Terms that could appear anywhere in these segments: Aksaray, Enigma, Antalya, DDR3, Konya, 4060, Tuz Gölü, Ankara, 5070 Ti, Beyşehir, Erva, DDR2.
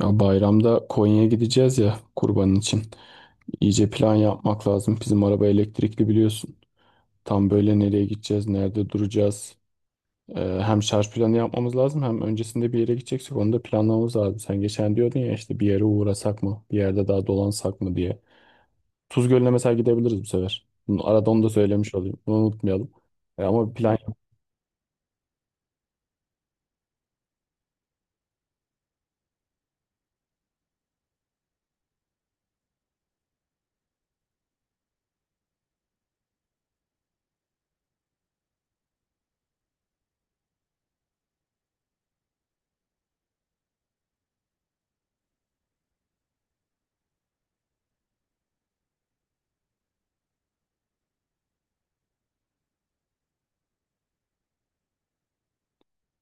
Ya bayramda Konya'ya gideceğiz ya kurbanın için. İyice plan yapmak lazım. Bizim araba elektrikli biliyorsun. Tam böyle nereye gideceğiz, nerede duracağız. Hem şarj planı yapmamız lazım hem öncesinde bir yere gideceksek onu da planlamamız lazım. Sen geçen diyordun ya işte bir yere uğrasak mı, bir yerde daha dolansak mı diye. Tuz Gölü'ne mesela gidebiliriz bu sefer. Bunu, arada onu da söylemiş olayım. Bunu unutmayalım. Ama bir plan yap.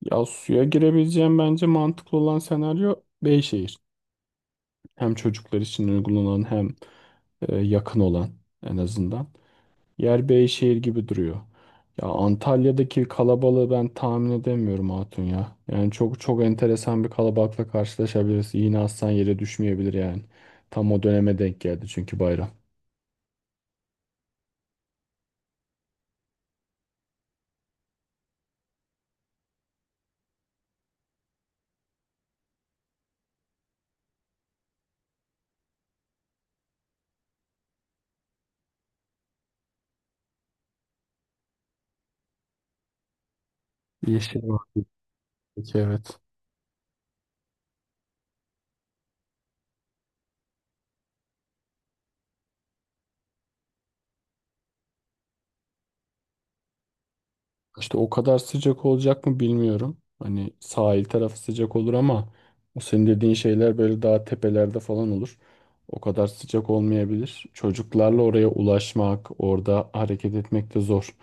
Ya suya girebileceğim bence mantıklı olan senaryo Beyşehir. Hem çocuklar için uygulanan hem yakın olan en azından. Yer Beyşehir gibi duruyor. Ya Antalya'daki kalabalığı ben tahmin edemiyorum Hatun ya. Yani çok çok enteresan bir kalabalıkla karşılaşabiliriz. Yine aslan yere düşmeyebilir yani. Tam o döneme denk geldi çünkü bayram. Yeşil var. Peki, evet. İşte o kadar sıcak olacak mı bilmiyorum. Hani sahil tarafı sıcak olur ama o senin dediğin şeyler böyle daha tepelerde falan olur. O kadar sıcak olmayabilir. Çocuklarla oraya ulaşmak, orada hareket etmek de zor.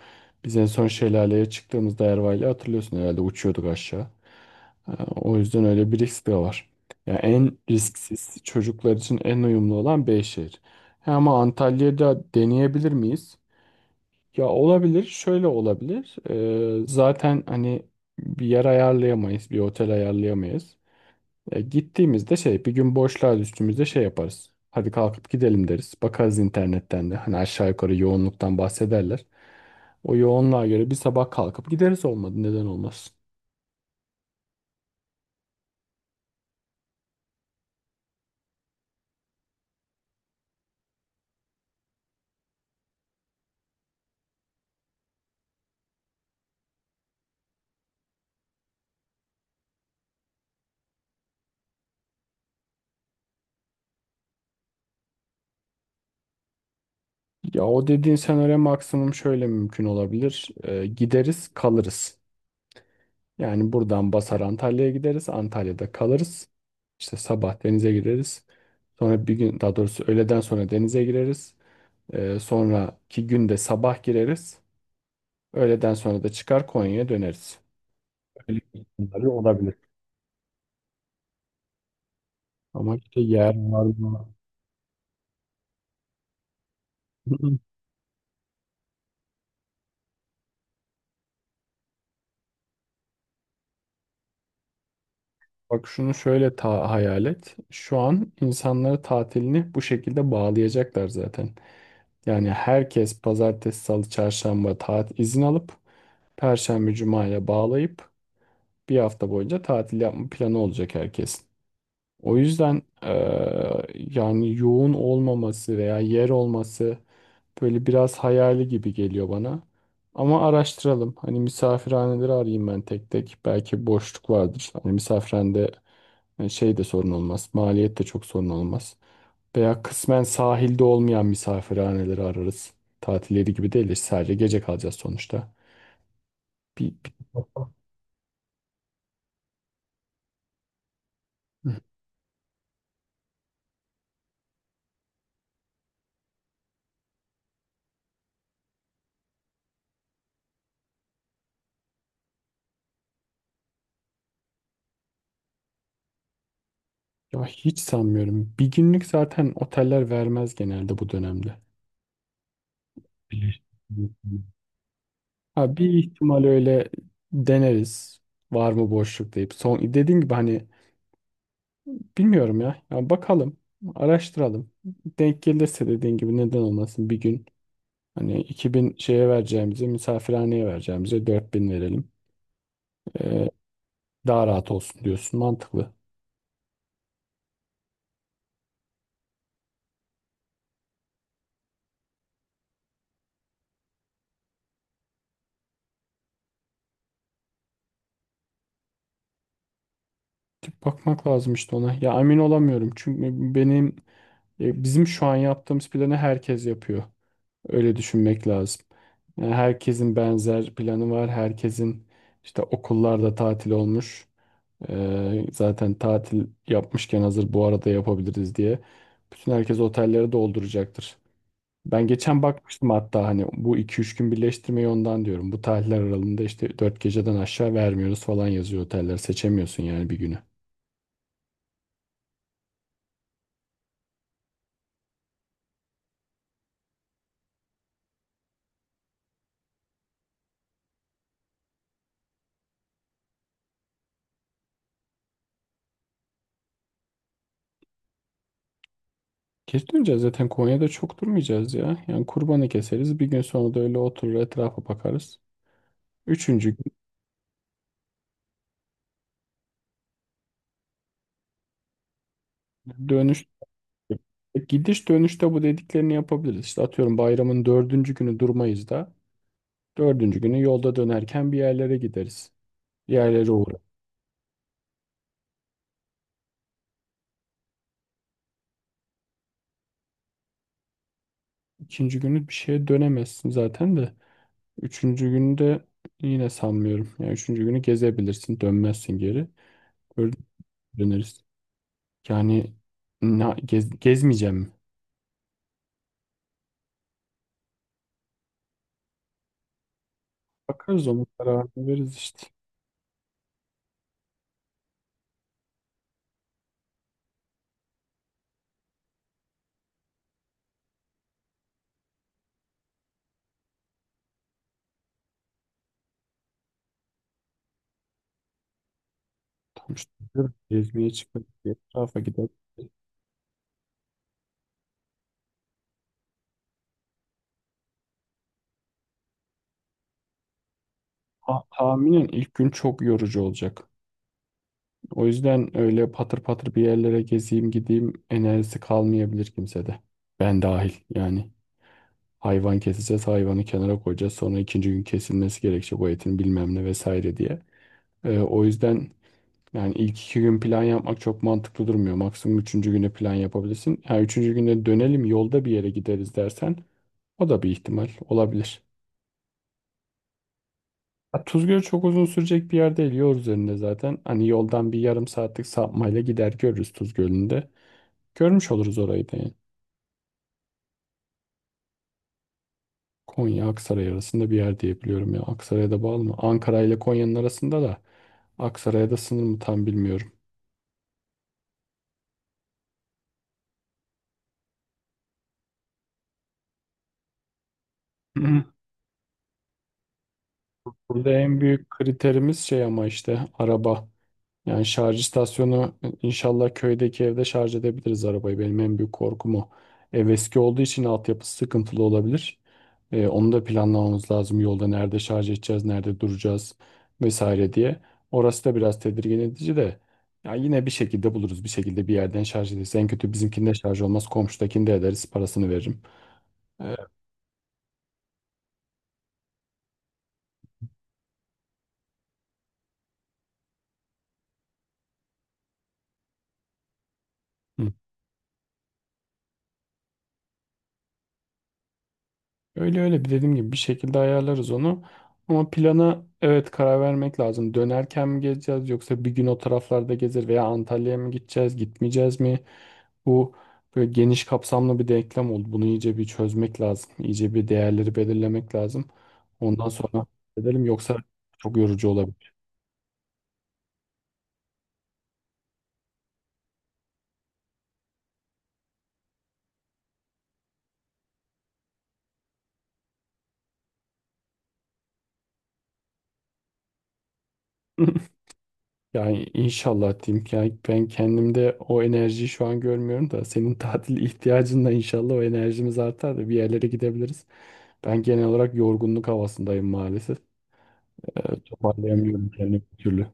Biz en son şelaleye çıktığımızda Erva'yla hatırlıyorsun herhalde uçuyorduk aşağı. O yüzden öyle bir risk de var. Ya en risksiz çocuklar için en uyumlu olan Beyşehir. Ha, ama Antalya'da deneyebilir miyiz? Ya olabilir, şöyle olabilir. Zaten hani bir yer ayarlayamayız, bir otel ayarlayamayız. Gittiğimizde bir gün boşluğa düştüğümüzde şey yaparız. Hadi kalkıp gidelim deriz. Bakarız internetten de. Hani aşağı yukarı yoğunluktan bahsederler. O yoğunluğa göre bir sabah kalkıp gideriz olmadı. Neden olmasın? Ya o dediğin senaryo maksimum şöyle mümkün olabilir. Gideriz, kalırız. Yani buradan basar Antalya'ya gideriz, Antalya'da kalırız. İşte sabah denize gireriz. Sonra bir gün daha doğrusu öğleden sonra denize gireriz. Sonraki günde sabah gireriz. Öğleden sonra da çıkar Konya'ya döneriz. Öyle ihtimalleri olabilir. Ama işte yer var mı? Hı-hı. Bak şunu şöyle ta hayal et. Şu an insanları tatilini bu şekilde bağlayacaklar zaten. Yani herkes pazartesi, salı, çarşamba tatil izin alıp perşembe, cumaya bağlayıp bir hafta boyunca tatil yapma planı olacak herkesin. O yüzden yani yoğun olmaması veya yer olması böyle biraz hayali gibi geliyor bana. Ama araştıralım. Hani misafirhaneleri arayayım ben tek tek. Belki boşluk vardır. Hani misafirhanede şey de sorun olmaz. Maliyet de çok sorun olmaz. Veya kısmen sahilde olmayan misafirhaneleri ararız. Tatilleri gibi değil de sadece gece kalacağız sonuçta. Hı. Ya hiç sanmıyorum. Bir günlük zaten oteller vermez genelde bu dönemde. Bilir. Ha, bir ihtimal öyle deneriz. Var mı boşluk deyip. Son dediğin gibi hani bilmiyorum ya. Ya bakalım, araştıralım. Denk gelirse dediğin gibi neden olmasın bir gün. Hani 2.000 şeye vereceğimize, misafirhaneye vereceğimize 4.000 verelim. Ee, Daha rahat olsun diyorsun. Mantıklı. Bakmak lazım işte ona. Ya emin olamıyorum. Çünkü bizim şu an yaptığımız planı herkes yapıyor. Öyle düşünmek lazım. Yani herkesin benzer planı var. Herkesin işte okullarda tatil olmuş. Zaten tatil yapmışken hazır bu arada yapabiliriz diye. Bütün herkes otelleri dolduracaktır. Ben geçen bakmıştım hatta hani bu 2-3 gün birleştirmeyi ondan diyorum. Bu tarihler aralığında işte 4 geceden aşağı vermiyoruz falan yazıyor oteller. Seçemiyorsun yani bir günü. Geç döneceğiz zaten Konya'da çok durmayacağız ya. Yani kurbanı keseriz. Bir gün sonra da öyle oturur etrafa bakarız. Üçüncü gün dönüş. E, Gidiş dönüşte bu dediklerini yapabiliriz. İşte atıyorum bayramın dördüncü günü durmayız da dördüncü günü yolda dönerken bir yerlere gideriz. Bir yerlere uğrarız. İkinci günü bir şeye dönemezsin zaten de. Üçüncü günü de yine sanmıyorum. Yani üçüncü günü gezebilirsin, dönmezsin geri. Dördüncü günü döneriz. Yani gezmeyeceğim mi? Bakarız onun kararını veririz işte. Tam işte diyorum, gezmeye çıkmak diye etrafa gidelim. Tahminen ilk gün çok yorucu olacak. O yüzden öyle patır patır bir yerlere gezeyim gideyim enerjisi kalmayabilir kimsede. Ben dahil yani. Hayvan keseceğiz, hayvanı kenara koyacağız. Sonra ikinci gün kesilmesi gerekecek o etin bilmem ne vesaire diye. O yüzden yani ilk iki gün plan yapmak çok mantıklı durmuyor. Maksimum üçüncü güne plan yapabilirsin. Ha, üçüncü günde dönelim yolda bir yere gideriz dersen o da bir ihtimal olabilir. Ha, Tuzgöl çok uzun sürecek bir yer değil. Yol üzerinde zaten. Hani yoldan bir yarım saatlik sapmayla gider görürüz Tuzgöl'ünde. Görmüş oluruz orayı da yani. Konya Aksaray arasında bir yer diye biliyorum ya. Aksaray'a da bağlı mı? Ankara ile Konya'nın arasında da Aksaray'a da sınır mı tam bilmiyorum. Burada en büyük kriterimiz şey ama işte araba. Yani şarj istasyonu inşallah köydeki evde şarj edebiliriz arabayı. Benim en büyük korkum o. Ev eski olduğu için altyapısı sıkıntılı olabilir. Onu da planlamamız lazım. Yolda nerede şarj edeceğiz, nerede duracağız vesaire diye. Orası da biraz tedirgin edici de. Ya yine bir şekilde buluruz. Bir şekilde bir yerden şarj ederiz. En kötü bizimkinde şarj olmaz. Komşudakini de ederiz. Parasını veririm. Ee, hı. Öyle öyle bir dediğim gibi bir şekilde ayarlarız onu. Ama plana evet karar vermek lazım. Dönerken mi gezeceğiz yoksa bir gün o taraflarda gezer veya Antalya'ya mı gideceğiz, gitmeyeceğiz mi? Bu böyle geniş kapsamlı bir denklem oldu. Bunu iyice bir çözmek lazım. İyice bir değerleri belirlemek lazım. Ondan sonra edelim yoksa çok yorucu olabilir. Yani inşallah diyeyim ki yani ben kendimde o enerjiyi şu an görmüyorum da senin tatil ihtiyacınla inşallah o enerjimiz artar da bir yerlere gidebiliriz. Ben genel olarak yorgunluk havasındayım maalesef. Toparlayamıyorum kendimi bir türlü.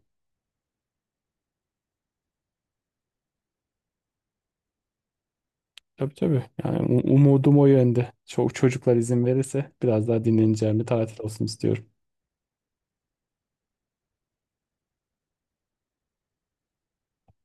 Tabii, tabii. Yani umudum o yönde. Çok çocuklar izin verirse biraz daha dinleneceğim bir tatil olsun istiyorum.